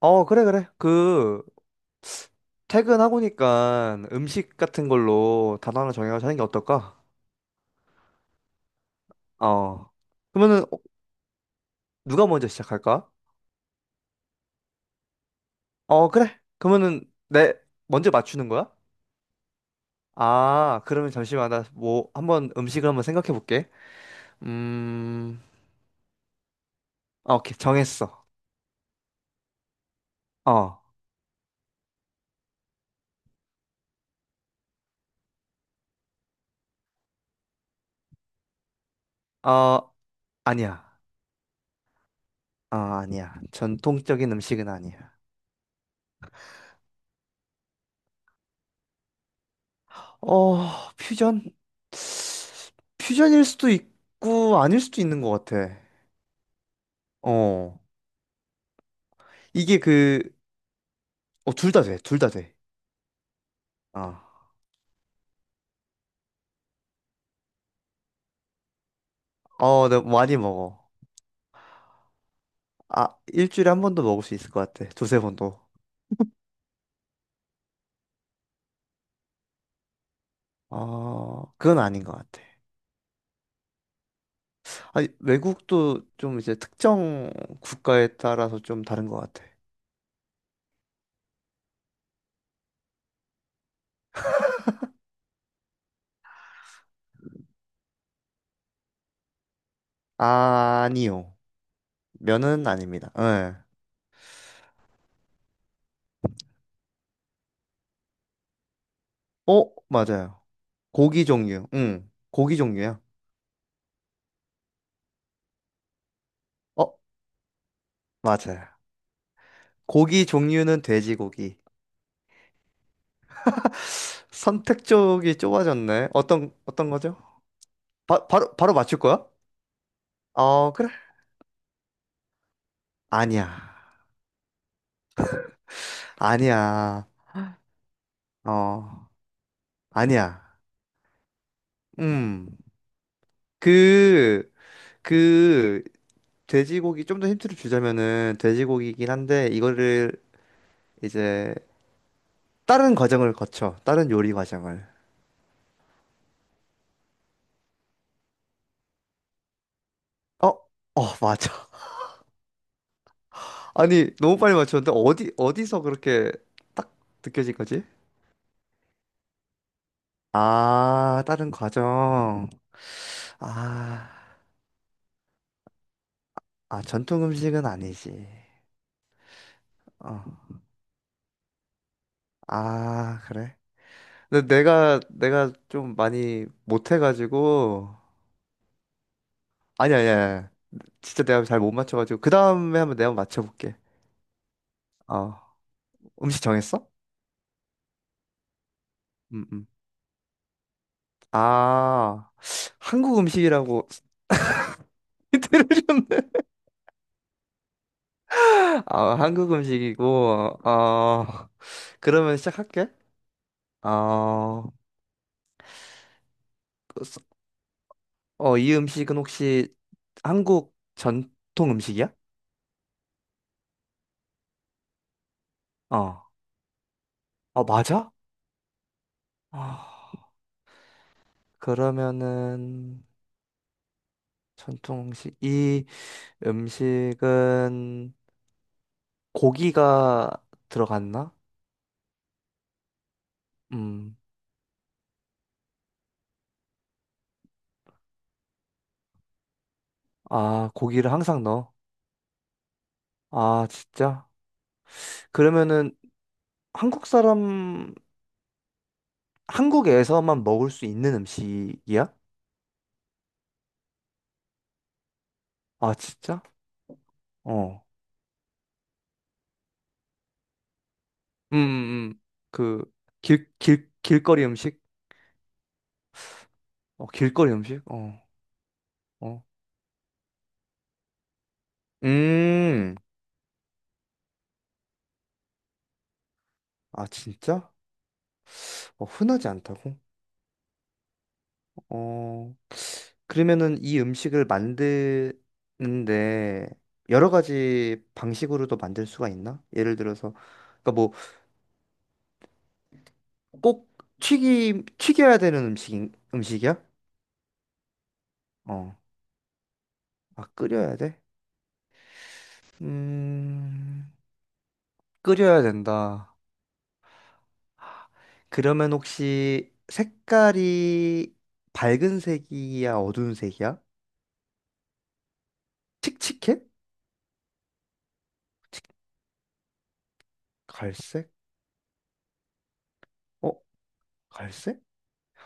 어, 그래, 그래. 퇴근하고 니까 음식 같은 걸로 단어 하나 정해가지고 하는 게 어떨까? 어. 그러면은, 어, 누가 먼저 시작할까? 어, 그래. 내, 먼저 맞추는 거야? 아, 그러면 잠시만. 한번 음식을 한번 생각해 볼게. 음, 아, 오케이. 정했어. 어, 어, 아니야. 아, 아니야. 전통적인 음식은 아니야. 어, 퓨전? 퓨전일 수도 있고, 아닐 수도 있는 것 같아. 어. 이게 그, 둘 다 돼. 어. 어, 내가 많이 먹어. 아, 일주일에 한 번도 먹을 수 있을 것 같아. 두세 번도. 어, 그건 아닌 것 같아. 아니, 외국도 좀 이제 특정 국가에 따라서 좀 다른 것 같아. 아니요. 면은 아닙니다. 예. 어, 맞아요. 고기 종류. 응. 고기 종류야. 어, 맞아요. 고기 종류는 돼지고기. 선택 쪽이 좁아졌네. 어떤 거죠? 바로 맞출 거야? 어, 그래. 아니야. 아니야. 어, 아니야. 음. 그, 그, 돼지고기, 좀 더 힌트를 주자면은, 돼지고기이긴 한데, 이제, 다른 과정을 거쳐. 다른 요리 과정을. 어, 어, 맞아. 아니, 너무 빨리 맞췄는데, 어디서 그렇게 딱 느껴진 거지? 아, 다른 과정. 아, 아, 전통 음식은 아니지. 어, 아, 그래. 근데 내가 좀 많이 못해가지고 아니 진짜 내가 잘 못 맞춰가지고 그 다음에 한번 내가 맞춰볼게. 어. 음식 정했어? 음음. 아, 한국 음식이라고. 힌트를 줬네. 아, 한국 음식이고. 어. 그러면 시작할게. 어 어 이 음식은 혹시 한국 전통 음식이야? 어. 아, 맞아? 아, 그러면은 전통 음식 이 음식은 고기가 들어갔나? 음. 아, 고기를 항상 넣어. 아, 진짜? 그러면은 한국 사람, 한국에서만 먹을 수 있는 음식이야? 아, 진짜? 어. 음. 그, 길거리 음식? 어, 길거리 음식? 어, 어. 음. 아, 진짜? 어, 흔하지 않다고? 어. 그러면은 이 음식을 만드는데 여러 가지 방식으로도 만들 수가 있나? 예를 들어서 그러니까 뭐 꼭 튀김 튀겨야 되는 음식 음식이야? 어. 아, 끓여야 돼? 음. 끓여야 된다. 그러면 혹시 색깔이 밝은 색이야, 어두운 색이야? 칙칙해? 갈색? 어, 갈색?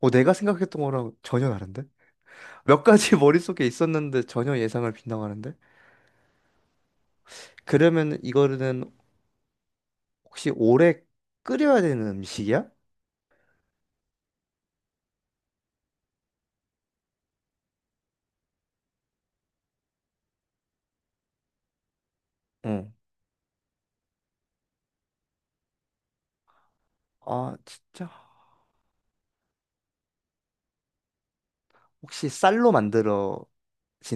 어, 내가 생각했던 거랑 전혀 다른데? 몇 가지 머릿속에 있었는데 전혀 예상을 빗나가는데? 그러면 이거는 혹시 오래 끓여야 되는 음식이야? 응. 아, 진짜. 혹시 쌀로 만들어진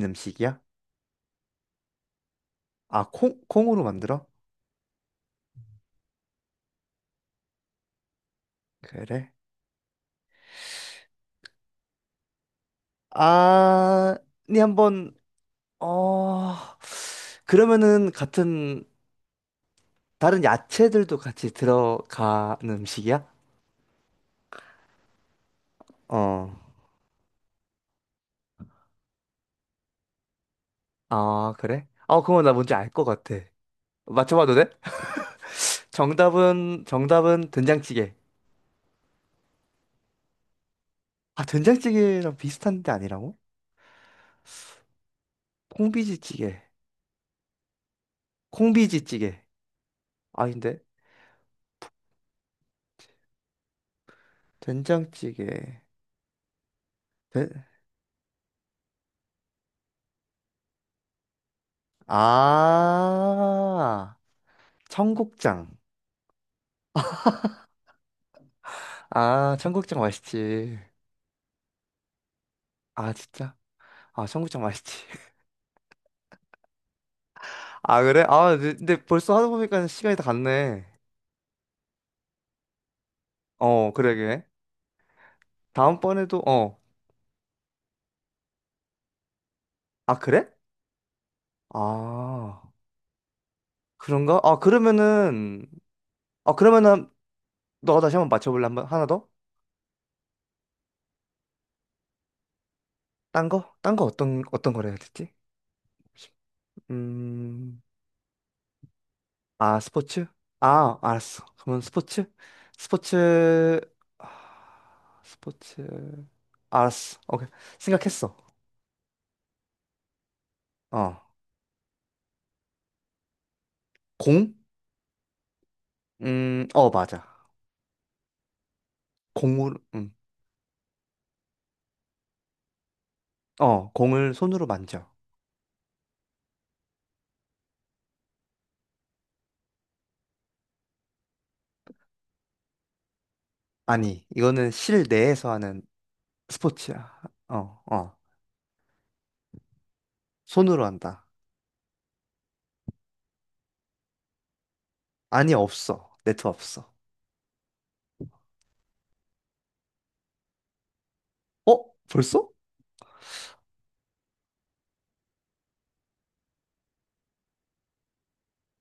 음식이야? 아, 콩, 콩으로 만들어? 그래. 아, 니 한번, 어, 그러면은 같은, 다른 야채들도 같이 들어가는 음식이야? 어. 아, 그래? 어, 그거 나 뭔지 알 것 같아. 맞춰봐도 돼? 정답은 된장찌개. 아, 된장찌개랑 비슷한데 아니라고? 콩비지찌개. 콩비지찌개. 아닌데? 된장찌개. 된... 아, 청국장. 아, 청국장 맛있지. 아, 진짜? 아, 청국장 맛있지. 아, 그래? 아, 근데 벌써 하다 보니까 시간이 다 갔네. 어, 그러게. 다음번에도, 어. 아, 그래? 아, 그런가? 아, 그러면은, 너가 다시 한번 맞춰볼래? 한번, 하나 더? 딴 거? 딴 거 어떤 거를 해야 되지? 음. 아, 스포츠? 아, 알았어. 그러면 스포츠? 스포츠, 스포츠. 알았어. 오케이. 생각했어. 어. 공? 어, 맞아. 공을, 음, 어, 공을 손으로 만져. 아니, 이거는 실내에서 하는 스포츠야. 어, 어. 손으로 한다. 아니, 없어. 네트 없어. 어? 벌써?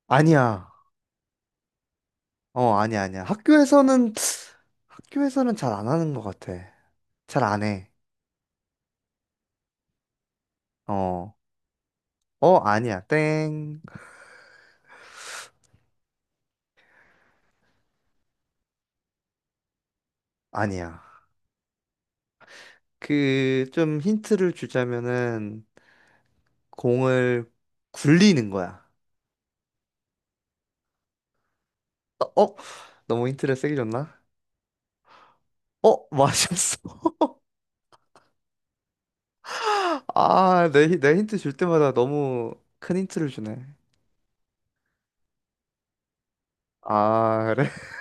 아니야. 어, 아니야. 학교에서는 잘 안 하는 것 같아. 잘 안 해. 어. 어, 아니야. 땡. 아니야. 좀 힌트를 주자면은, 공을 굴리는 거야. 어? 어? 너무 힌트를 세게 줬나? 어? 맞았어. 내 힌트 줄 때마다 너무 큰 힌트를 주네. 아, 그래?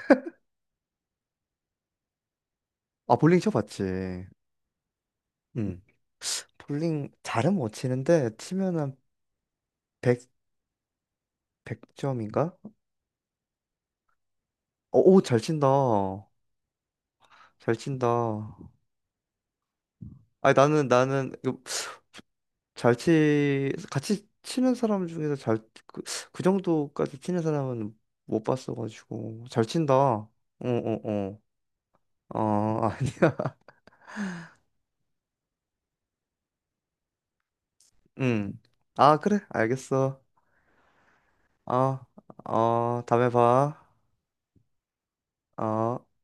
아, 볼링 쳐봤지. 응. 볼링 잘은 못 치는데, 치면 한 백백 100점인가? 오, 잘 친다. 잘 친다. 아니, 나는, 나는, 잘 치, 같이 치는 사람 중에서 그, 그 정도까지 치는 사람은 못 봤어가지고. 잘 친다. 어. 어, 아니야. 응. 아, 그래. 알겠어. 어, 어, 다음에 봐. 어.